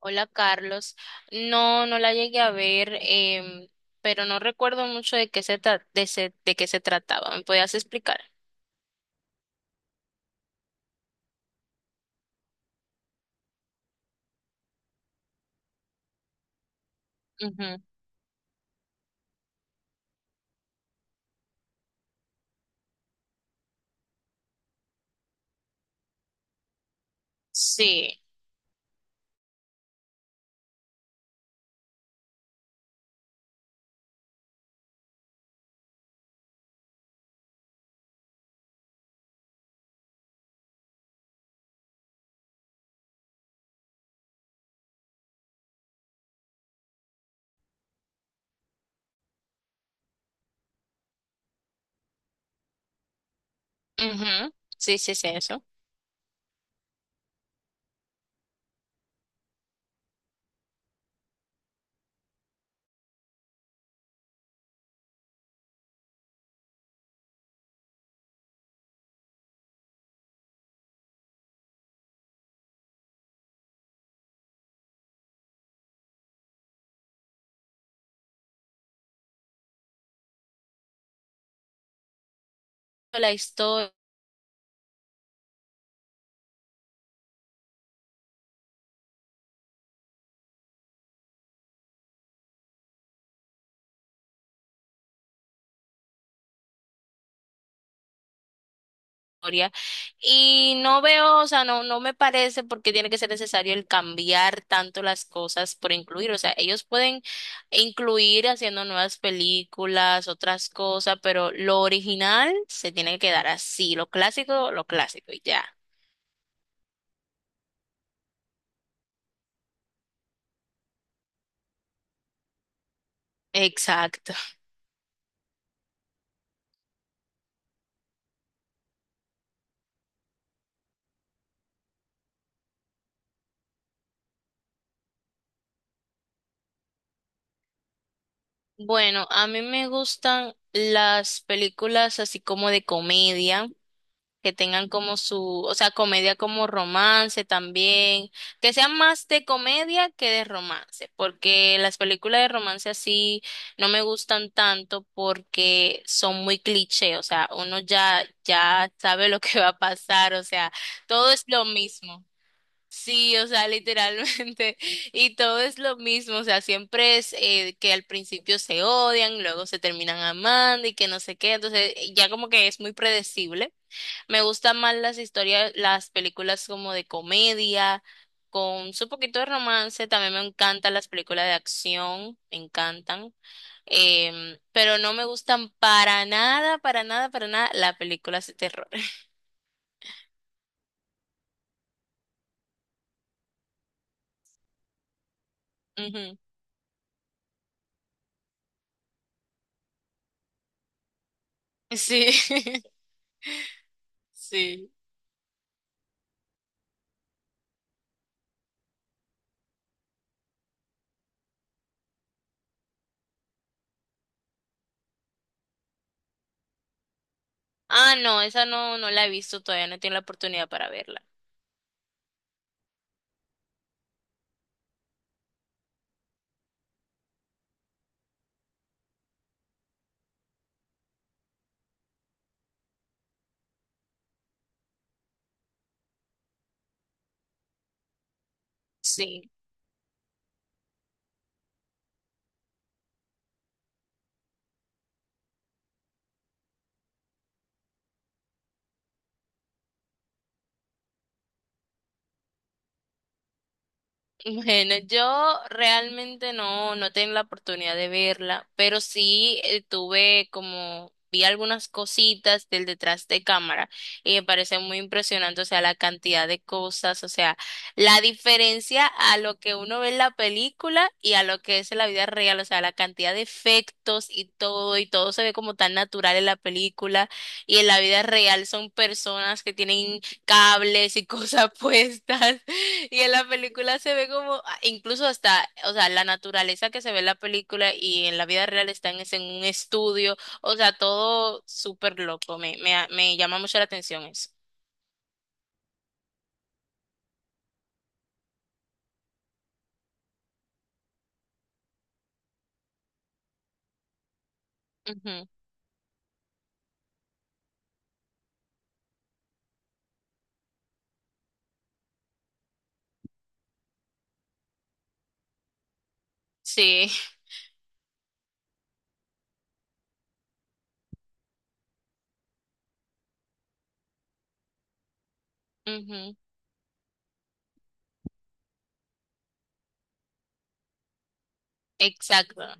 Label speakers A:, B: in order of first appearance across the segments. A: Hola Carlos, no, no la llegué a ver, pero no recuerdo mucho de qué se trataba. ¿Me podías explicar? Ujú. Sí, ujú, sí, sí, sí, eso. La historia. Y no veo, o sea, no, no me parece porque tiene que ser necesario el cambiar tanto las cosas por incluir. O sea, ellos pueden incluir haciendo nuevas películas, otras cosas, pero lo original se tiene que quedar así, lo clásico y ya. Exacto. Bueno, a mí me gustan las películas así como de comedia, que tengan como su, o sea, comedia como romance también, que sean más de comedia que de romance, porque las películas de romance así no me gustan tanto porque son muy cliché, o sea, uno ya sabe lo que va a pasar, o sea, todo es lo mismo. Sí, o sea, literalmente. Y todo es lo mismo, o sea, siempre es que al principio se odian, luego se terminan amando y que no sé qué, entonces ya como que es muy predecible. Me gustan más las historias, las películas como de comedia, con su poquito de romance, también me encantan las películas de acción, me encantan. Pero no me gustan para nada, para nada, para nada las películas de terror. Ujú. Sí, sí. Ah, no, esa no, no la he visto todavía, no he tenido la oportunidad para verla. Sí. Bueno, yo realmente no, no tengo la oportunidad de verla, pero sí tuve como, vi algunas cositas del detrás de cámara y me parece muy impresionante, o sea, la cantidad de cosas, o sea, la diferencia a lo que uno ve en la película y a lo que es en la vida real, o sea, la cantidad de efectos y todo se ve como tan natural en la película y en la vida real son personas que tienen cables y cosas puestas. Y en la película se ve como, ah, incluso hasta, o sea, la naturaleza que se ve en la película y en la vida real están es en un estudio, o sea, todo súper loco, me llama mucho la atención eso. Ujú, sí, ujú, exacto,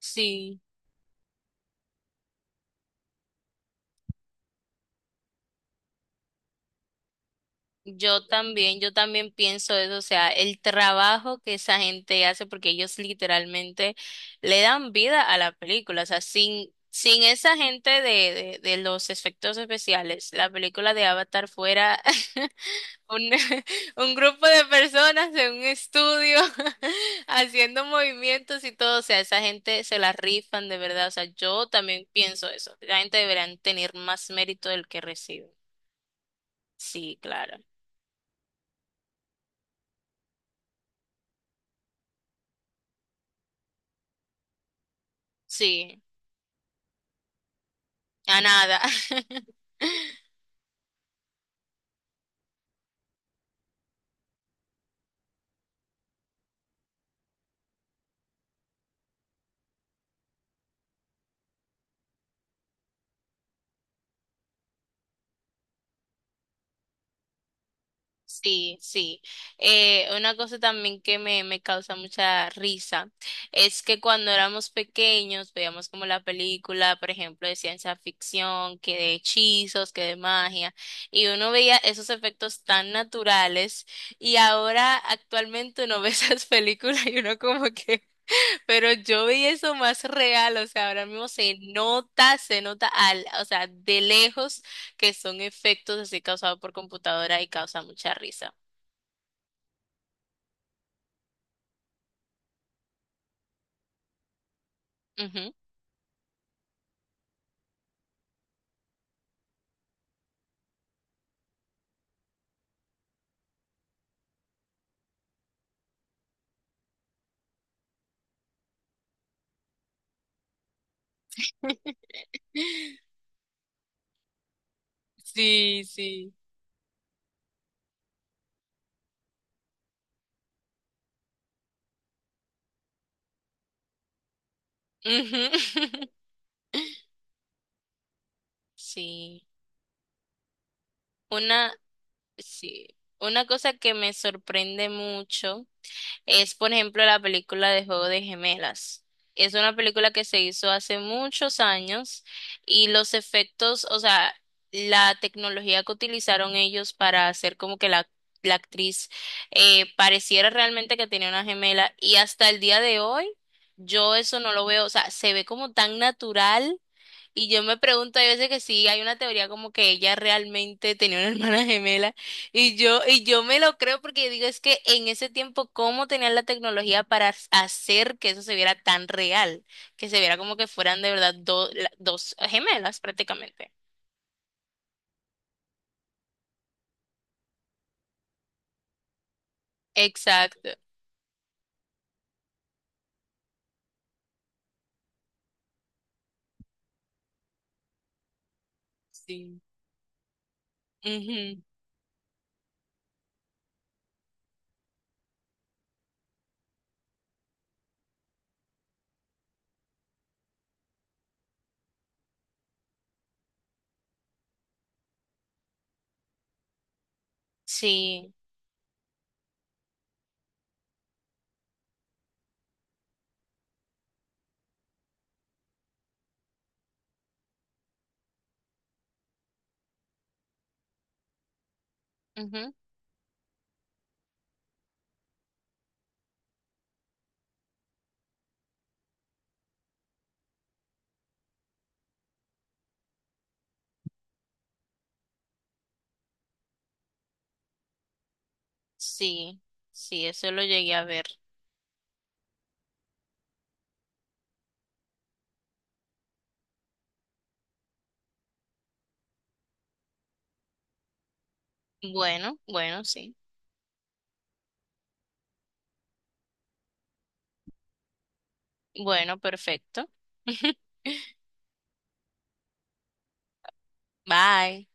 A: sí. Yo también pienso eso, o sea, el trabajo que esa gente hace, porque ellos literalmente le dan vida a la película, o sea, sin esa gente de los efectos especiales, la película de Avatar fuera un, un grupo de personas en un estudio haciendo movimientos y todo, o sea, esa gente se la rifan de verdad, o sea, yo también pienso eso, la gente deberán tener más mérito del que recibe. Sí, claro. Sí. A nada. Sí, sí. Una cosa también que me causa mucha risa es que cuando éramos pequeños veíamos como la película, por ejemplo, de ciencia ficción, que de hechizos, que de magia, y uno veía esos efectos tan naturales y ahora actualmente uno ve esas películas y uno como que, pero yo vi eso más real, o sea, ahora mismo se nota, o sea, de lejos que son efectos así causados por computadora y causa mucha risa. Ujú. Sí, sí. Ujú. Sí. Una, sí. Una cosa que me sorprende mucho es, por ejemplo, la película de Juego de Gemelas. Es una película que se hizo hace muchos años y los efectos, o sea, la tecnología que utilizaron ellos para hacer como que la actriz pareciera realmente que tenía una gemela y hasta el día de hoy yo eso no lo veo, o sea, se ve como tan natural y yo me pregunto, hay veces que sí, hay una teoría como que ella realmente tenía una hermana gemela y yo me lo creo porque digo, es que en ese tiempo cómo tenían la tecnología para hacer que eso se viera tan real, que se viera como que fueran de verdad dos gemelas prácticamente. Exacto. Sí. Ujú. Sí. Ujú. Sí. Sí, eso lo llegué a ver. Bueno, bueno, sí. Bueno, perfecto. Bye.